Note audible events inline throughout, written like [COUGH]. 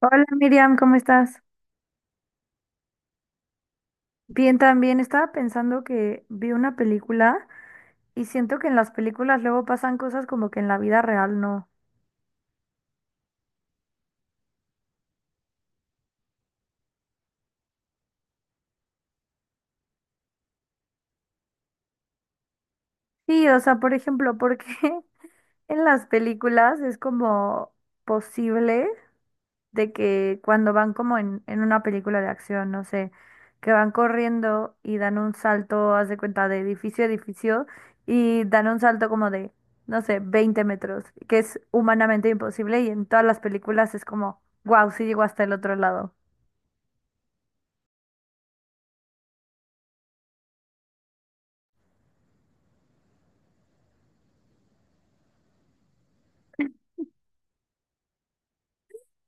Hola Miriam, ¿cómo estás? Bien, también estaba pensando que vi una película y siento que en las películas luego pasan cosas como que en la vida real no. Sí, o sea, por ejemplo, ¿por qué [LAUGHS] en las películas es como posible? De que cuando van como en una película de acción, no sé, que van corriendo y dan un salto, haz de cuenta, de edificio a edificio y dan un salto como de, no sé, 20 metros, que es humanamente imposible y en todas las películas es como, wow, sí llegó hasta el otro lado.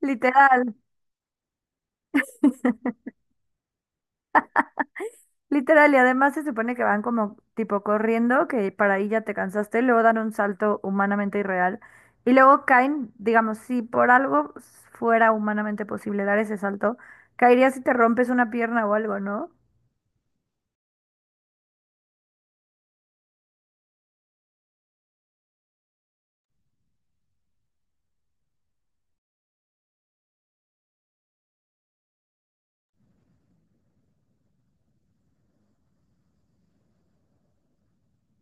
Literal. Literal, y además se supone que van como tipo corriendo, que para ahí ya te cansaste, luego dan un salto humanamente irreal y luego caen, digamos, si por algo fuera humanamente posible dar ese salto, caerías si te rompes una pierna o algo, ¿no?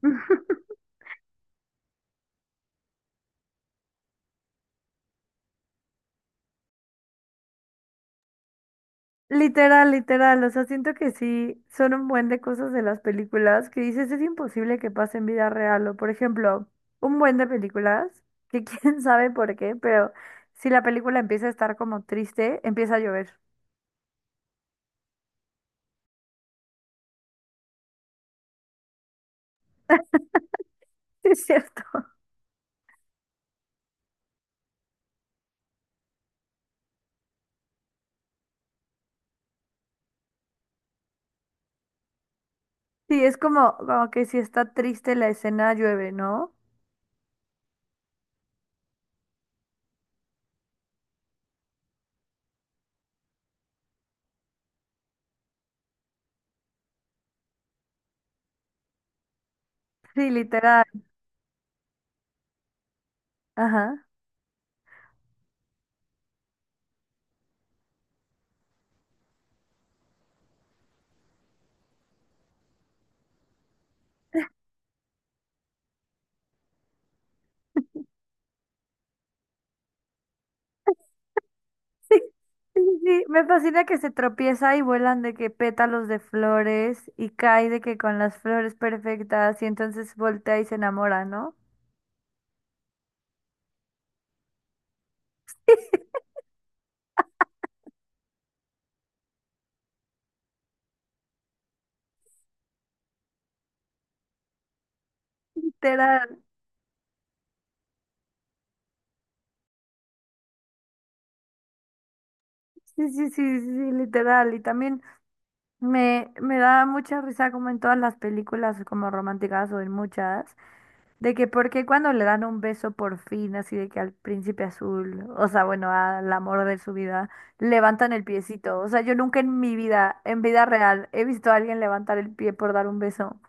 [LAUGHS] Literal, literal, o sea, siento que sí, son un buen de cosas de las películas que dices es imposible que pase en vida real, o por ejemplo, un buen de películas, que [LAUGHS] quién sabe por qué, pero si la película empieza a estar como triste, empieza a llover. [LAUGHS] Sí, es cierto. Sí, es como, como que si está triste la escena llueve, ¿no? Sí, literal. Ajá. [LAUGHS] Sí, sí, sí, sí. Me fascina que se tropieza y vuelan de que pétalos de flores y cae de que con las flores perfectas y entonces voltea y se enamora, ¿no? [LAUGHS] Literal. Sí, sí, sí, sí, sí, literal. Y también, me da mucha risa como en todas las películas como románticas o en muchas, de que porque cuando le dan un beso por fin, así de que al príncipe azul, o sea, bueno, al amor de su vida, levantan el piecito. O sea, yo nunca en mi vida, en vida real, he visto a alguien levantar el pie por dar un beso.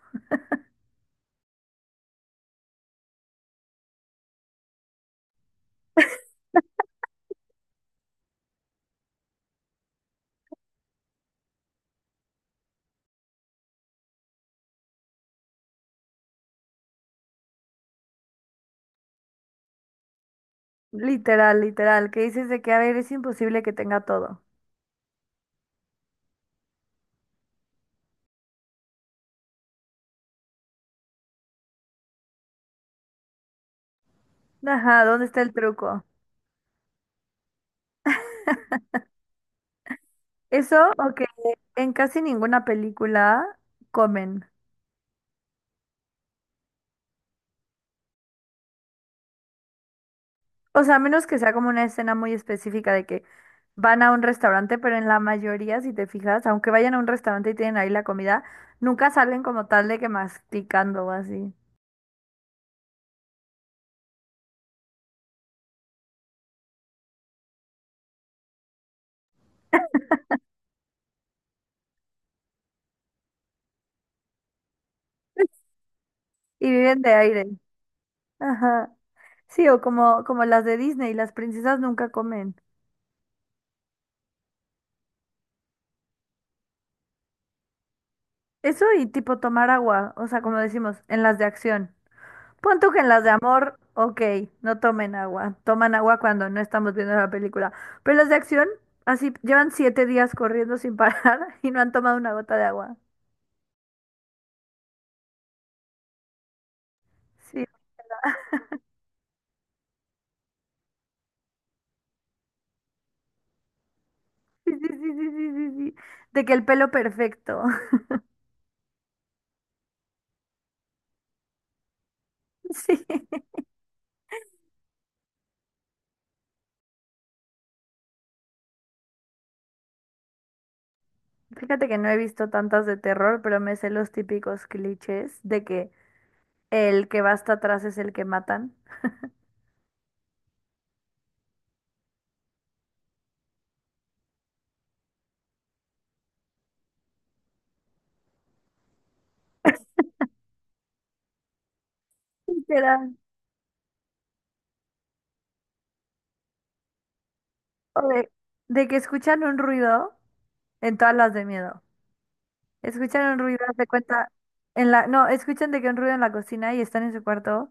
Literal, literal, que dices de que, a ver, es imposible que tenga todo. Ajá, ¿dónde está el truco? Eso, o que en casi ninguna película comen. O sea, a menos que sea como una escena muy específica de que van a un restaurante, pero en la mayoría, si te fijas, aunque vayan a un restaurante y tienen ahí la comida, nunca salen como tal de que masticando o así. Y viven de aire. Ajá. Sí, o como, como las de Disney, las princesas nunca comen. Eso y tipo tomar agua, o sea, como decimos, en las de acción. Pon tú que en las de amor, ok, no tomen agua. Toman agua cuando no estamos viendo la película. Pero las de acción, así llevan 7 días corriendo sin parar [LAUGHS] y no han tomado una gota de agua. Sí, sí, sí, sí, sí, sí, sí, sí. De que el pelo perfecto. [LAUGHS] Sí. Fíjate que no he visto tantas de terror, pero me sé los típicos clichés de que el que va hasta atrás es el que matan. Literal. O de que escuchan un ruido en todas las de miedo. Escuchan un ruido, haz de cuenta, no, escuchan de que un ruido en la cocina y están en su cuarto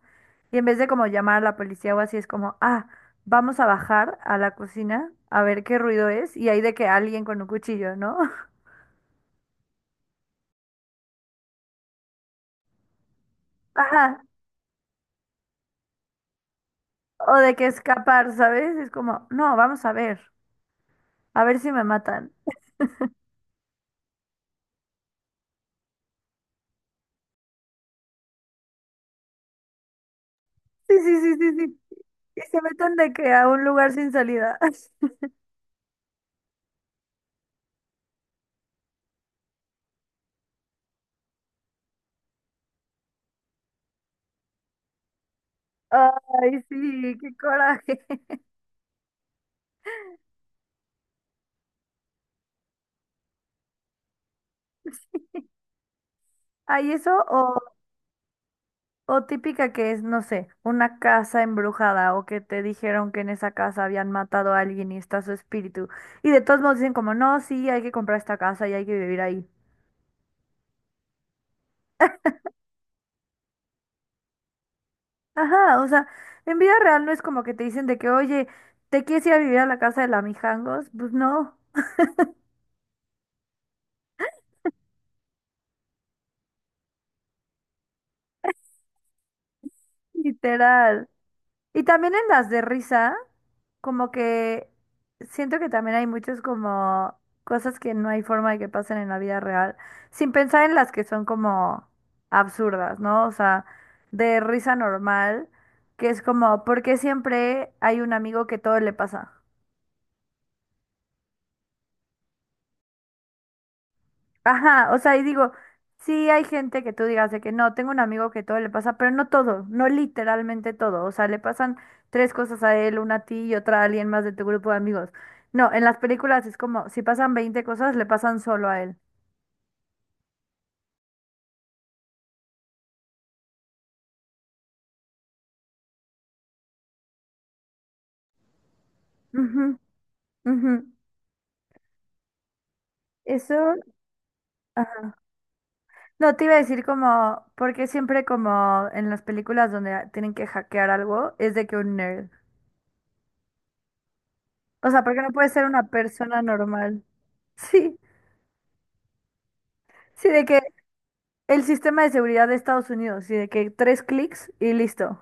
y en vez de como llamar a la policía o así es como, ah, vamos a bajar a la cocina a ver qué ruido es y hay de que alguien con un cuchillo, ¿no? [LAUGHS] Ajá, o de que escapar, ¿sabes? Es como, no, vamos a ver si me matan. Sí, sí, sí, sí, sí. Y se meten de que a un lugar sin salida. [LAUGHS] Ay, sí, qué coraje. [LAUGHS] Ay, eso. O típica que es, no sé, una casa embrujada o que te dijeron que en esa casa habían matado a alguien y está su espíritu. Y de todos modos dicen como, no, sí, hay que comprar esta casa y hay que vivir ahí. Ajá, o sea, en vida real no es como que te dicen de que, oye, ¿te quieres ir a vivir a la casa de la Mijangos? Pues no, literal. Y también en las de risa, como que siento que también hay muchos como cosas que no hay forma de que pasen en la vida real, sin pensar en las que son como absurdas, ¿no? O sea, de risa normal, que es como, ¿por qué siempre hay un amigo que todo le pasa? Ajá, o sea, y digo, sí hay gente que tú digas de que no, tengo un amigo que todo le pasa, pero no todo, no literalmente todo, o sea, le pasan tres cosas a él, una a ti y otra a alguien más de tu grupo de amigos. No, en las películas es como, si pasan 20 cosas, le pasan solo a él. Ujú, ujú. Eso, ajá. No, te iba a decir como, porque siempre como en las películas donde tienen que hackear algo, es de que un nerd. O sea, porque no puede ser una persona normal. [LAUGHS] Sí. Sí, de que el sistema de seguridad de Estados Unidos, y de que tres clics y listo.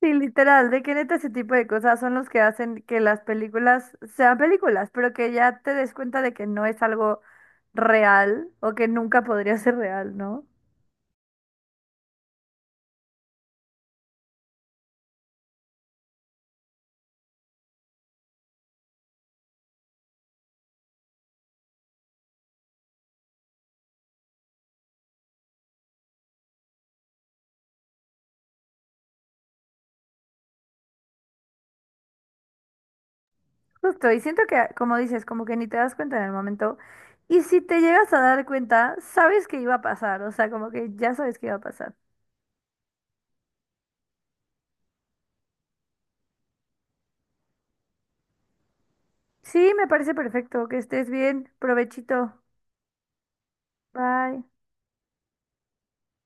Sí, literal, de que neta ese tipo de cosas son los que hacen que las películas sean películas, pero que ya te des cuenta de que no es algo real o que nunca podría ser real, ¿no? Justo, y siento que, como dices, como que ni te das cuenta en el momento. Y si te llegas a dar cuenta, sabes que iba a pasar, o sea, como que ya sabes que iba a pasar. Sí, me parece perfecto, que estés bien, provechito, bye.